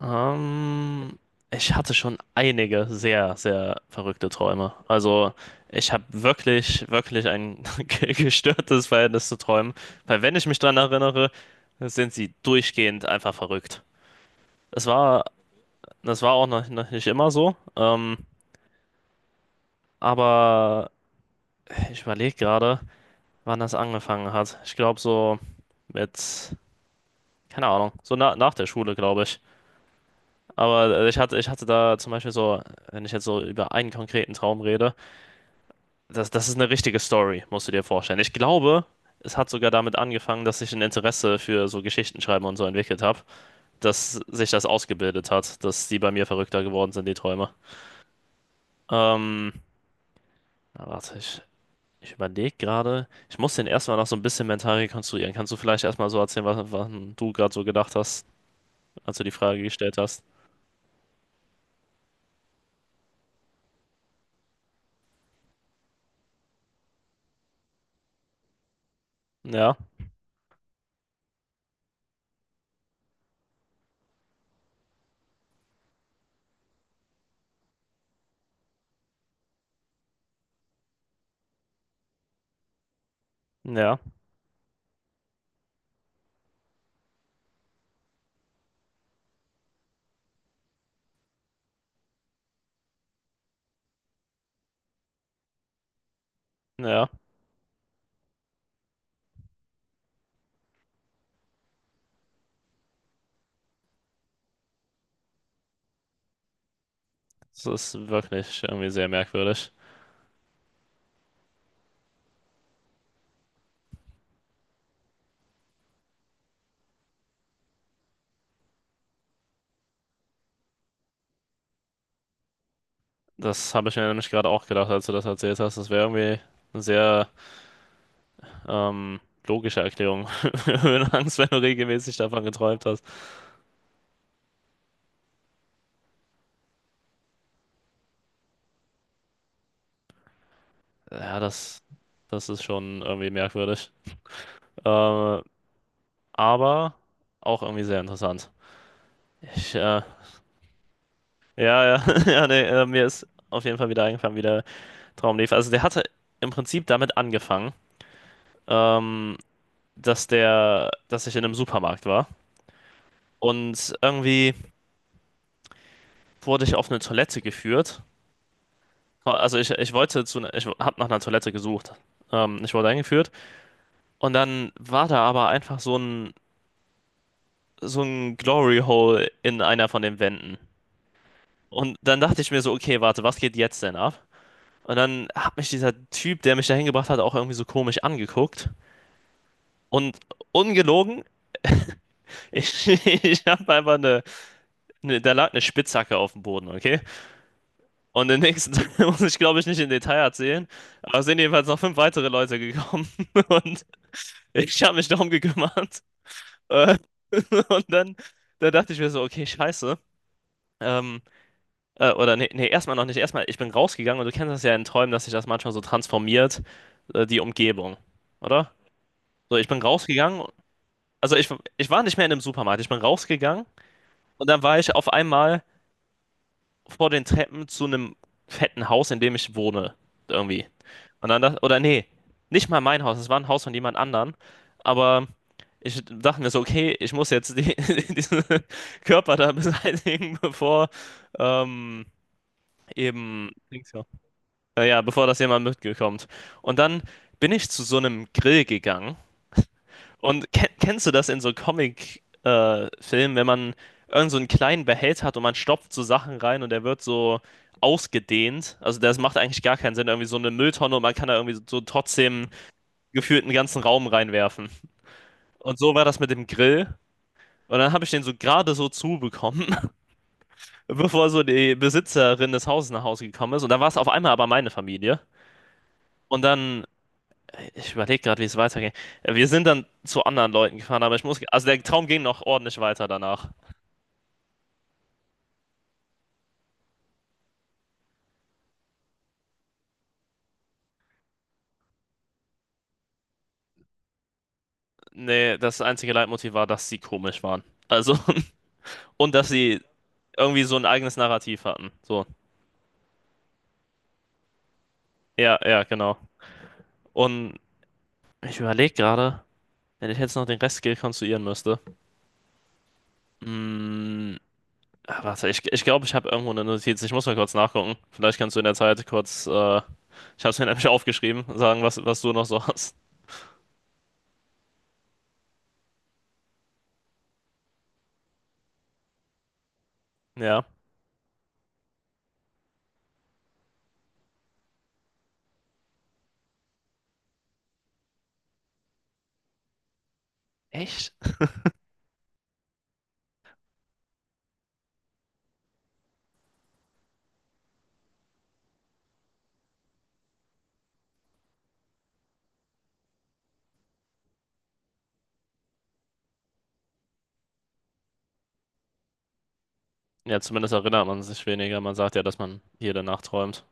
Ähm, Ich hatte schon einige sehr, sehr verrückte Träume. Also ich habe wirklich, wirklich ein gestörtes Verhältnis zu Träumen, weil wenn ich mich daran erinnere, sind sie durchgehend einfach verrückt. Das war, das war auch noch nicht immer so, aber ich überlege gerade, wann das angefangen hat. Ich glaube so mit, keine Ahnung, so na, nach der Schule, glaube ich. Aber ich hatte da zum Beispiel so, wenn ich jetzt so über einen konkreten Traum rede, das ist eine richtige Story, musst du dir vorstellen. Ich glaube, es hat sogar damit angefangen, dass ich ein Interesse für so Geschichtenschreiben und so entwickelt habe, dass sich das ausgebildet hat, dass die bei mir verrückter geworden sind, die Träume. Ähm, na, warte, ich überlege gerade. Ich muss den erstmal noch so ein bisschen mental rekonstruieren. Kannst du vielleicht erstmal so erzählen, was du gerade so gedacht hast, als du die Frage gestellt hast? Ja, ja, ja. Das ist wirklich irgendwie sehr merkwürdig. Das habe ich mir nämlich gerade auch gedacht, als du das erzählt hast. Das wäre irgendwie ein sehr Ähm, logische Erklärung für eine Angst, wenn du regelmäßig davon geträumt hast. Ja, das ist schon irgendwie merkwürdig. Äh, aber auch irgendwie sehr interessant. Ich, äh, ja, ja, ja, nee, mir ist auf jeden Fall wieder eingefallen, wie der Traum lief. Also der hatte im Prinzip damit angefangen, ähm, dass ich in einem Supermarkt war und irgendwie wurde ich auf eine Toilette geführt. Also ich wollte ne, ich habe nach einer Toilette gesucht. Ich wurde eingeführt. Und dann war da aber einfach so ein Glory Hole in einer von den Wänden. Und dann dachte ich mir so, okay, warte, was geht jetzt denn ab? Und dann hat mich dieser Typ, der mich da hingebracht hat, auch irgendwie so komisch angeguckt. Und ungelogen, ich, ich habe einfach da lag eine Spitzhacke auf dem Boden, okay? Und den nächsten Tag muss ich, glaube ich, nicht im Detail erzählen, aber es sind jedenfalls noch fünf weitere Leute gekommen und ich habe mich darum gekümmert. Äh, Und dann dachte ich mir so, okay, scheiße. Ähm, oder nee, nee, erstmal noch nicht. Erstmal, ich bin rausgegangen und du kennst das ja in Träumen, dass sich das manchmal so transformiert, die Umgebung, oder? So, ich bin rausgegangen, also ich war nicht mehr in einem Supermarkt, ich bin rausgegangen und dann war ich auf einmal vor den Treppen zu einem fetten Haus, in dem ich wohne, irgendwie. Und dann oder nee, nicht mal mein Haus, es war ein Haus von jemand anderem, aber ich dachte mir so, okay, ich muss jetzt die, diesen Körper da beseitigen, ähm, eben ja, bevor das jemand mitgekommt. Und dann bin ich zu so einem Grill gegangen. Und kennst du das in so Comic-Filmen, wenn man irgend so einen kleinen Behälter hat und man stopft so Sachen rein und der wird so ausgedehnt? Also das macht eigentlich gar keinen Sinn. Irgendwie so eine Mülltonne und man kann da irgendwie so trotzdem gefühlt einen ganzen Raum reinwerfen. Und so war das mit dem Grill. Und dann habe ich den so gerade so zubekommen, bevor so die Besitzerin des Hauses nach Hause gekommen ist. Und dann war es auf einmal aber meine Familie. Und dann Ich überlege gerade, wie es weitergeht. Wir sind dann zu anderen Leuten gefahren, aber ich muss. Also der Traum ging noch ordentlich weiter danach. Nee, das einzige Leitmotiv war, dass sie komisch waren. Also, und dass sie irgendwie so ein eigenes Narrativ hatten. So. Ja, ja, genau. Und ich überlege gerade, wenn ich jetzt noch den Rest rekonstruieren müsste. Mm, ah, warte, ich glaube, ich habe irgendwo eine Notiz. Ich muss mal kurz nachgucken. Vielleicht kannst du in der Zeit kurz. Ich habe es mir nämlich aufgeschrieben, sagen, was du noch so hast. Ja. Echt? Ja, zumindest erinnert man sich weniger. Man sagt ja, dass man hier danach träumt.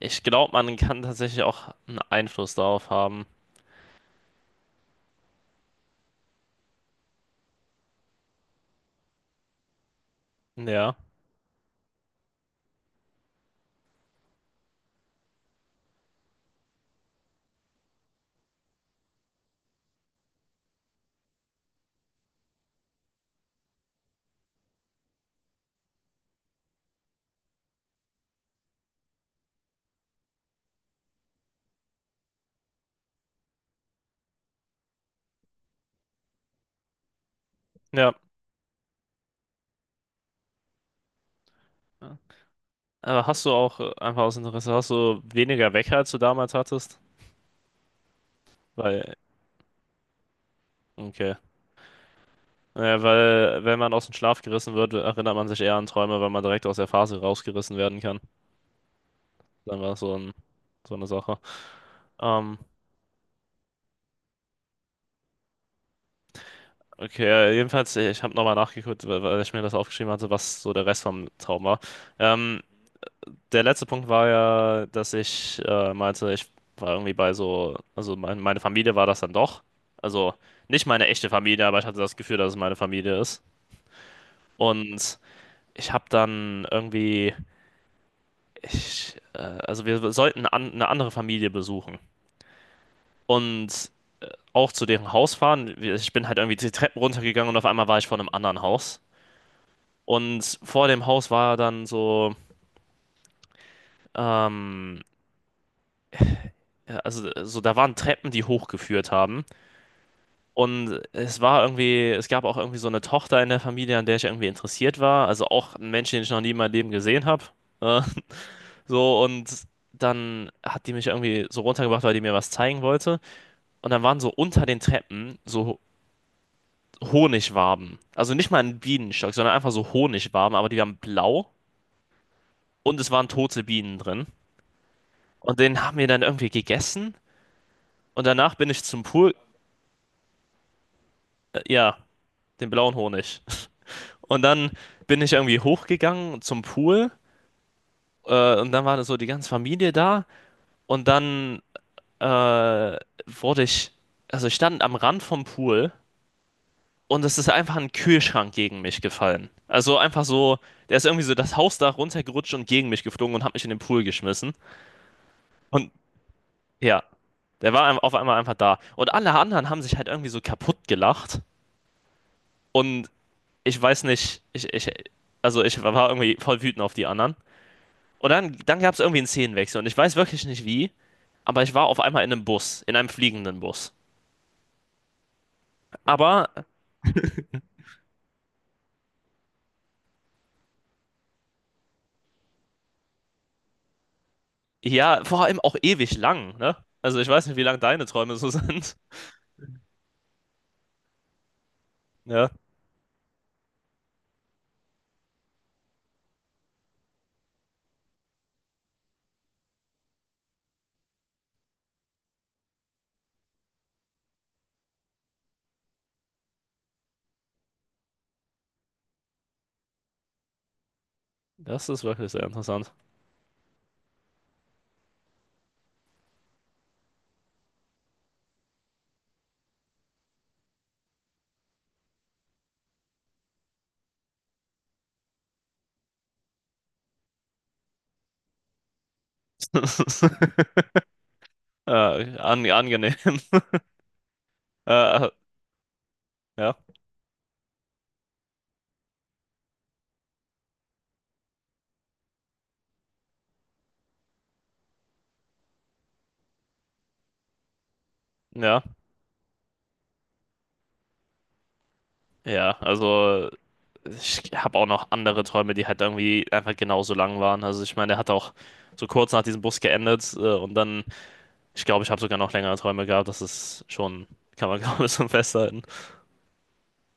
Ich glaube, man kann tatsächlich auch einen Einfluss darauf haben. Ja, ja. Aber hast du auch, einfach aus Interesse, hast du weniger Wecker, als du damals hattest? Weil, okay. Ja, weil, wenn man aus dem Schlaf gerissen wird, erinnert man sich eher an Träume, weil man direkt aus der Phase rausgerissen werden kann. Dann war es so eine Sache. Ähm, okay, ja, jedenfalls, ich habe nochmal nachgeguckt, weil ich mir das aufgeschrieben hatte, was so der Rest vom Traum war. Ähm, Der letzte Punkt war ja, dass ich meinte, ich war irgendwie bei so, also meine Familie war das dann doch. Also nicht meine echte Familie, aber ich hatte das Gefühl, dass es meine Familie ist. Und ich habe dann irgendwie, also wir sollten eine andere Familie besuchen und auch zu deren Haus fahren. Ich bin halt irgendwie die Treppen runtergegangen und auf einmal war ich vor einem anderen Haus. Und vor dem Haus war dann so, ähm, ja, also so da waren Treppen, die hochgeführt haben. Und es war irgendwie, es gab auch irgendwie so eine Tochter in der Familie, an der ich irgendwie interessiert war. Also auch ein Mensch, den ich noch nie in meinem Leben gesehen habe. Äh, so, und dann hat die mich irgendwie so runtergebracht, weil die mir was zeigen wollte. Und dann waren so unter den Treppen so Honigwaben. Also nicht mal ein Bienenstock, sondern einfach so Honigwaben, aber die waren blau und es waren tote Bienen drin. Und den haben wir dann irgendwie gegessen. Und danach bin ich zum Pool. Ja, den blauen Honig. Und dann bin ich irgendwie hochgegangen zum Pool. Und dann war das so die ganze Familie da. Und dann wurde ich, also ich stand am Rand vom Pool und es ist einfach ein Kühlschrank gegen mich gefallen. Also einfach so, der ist irgendwie so das Hausdach runtergerutscht und gegen mich geflogen und hat mich in den Pool geschmissen. Und ja, der war auf einmal einfach da. Und alle anderen haben sich halt irgendwie so kaputt gelacht. Und ich weiß nicht, also ich war irgendwie voll wütend auf die anderen. Und dann gab es irgendwie einen Szenenwechsel und ich weiß wirklich nicht wie, aber ich war auf einmal in einem Bus, in einem fliegenden Bus. Aber ja, vor allem auch ewig lang, ne? Also ich weiß nicht, wie lang deine Träume so sind. Ja, das ist wirklich sehr interessant. Angenehm. Äh, ja, ja, ja. Also ich habe auch noch andere Träume, die halt irgendwie einfach genauso lang waren. Also ich meine, er hat auch so kurz nach diesem Bus geendet und dann, ich glaube, ich habe sogar noch längere Träume gehabt. Das ist schon, kann man glaube ich schon festhalten.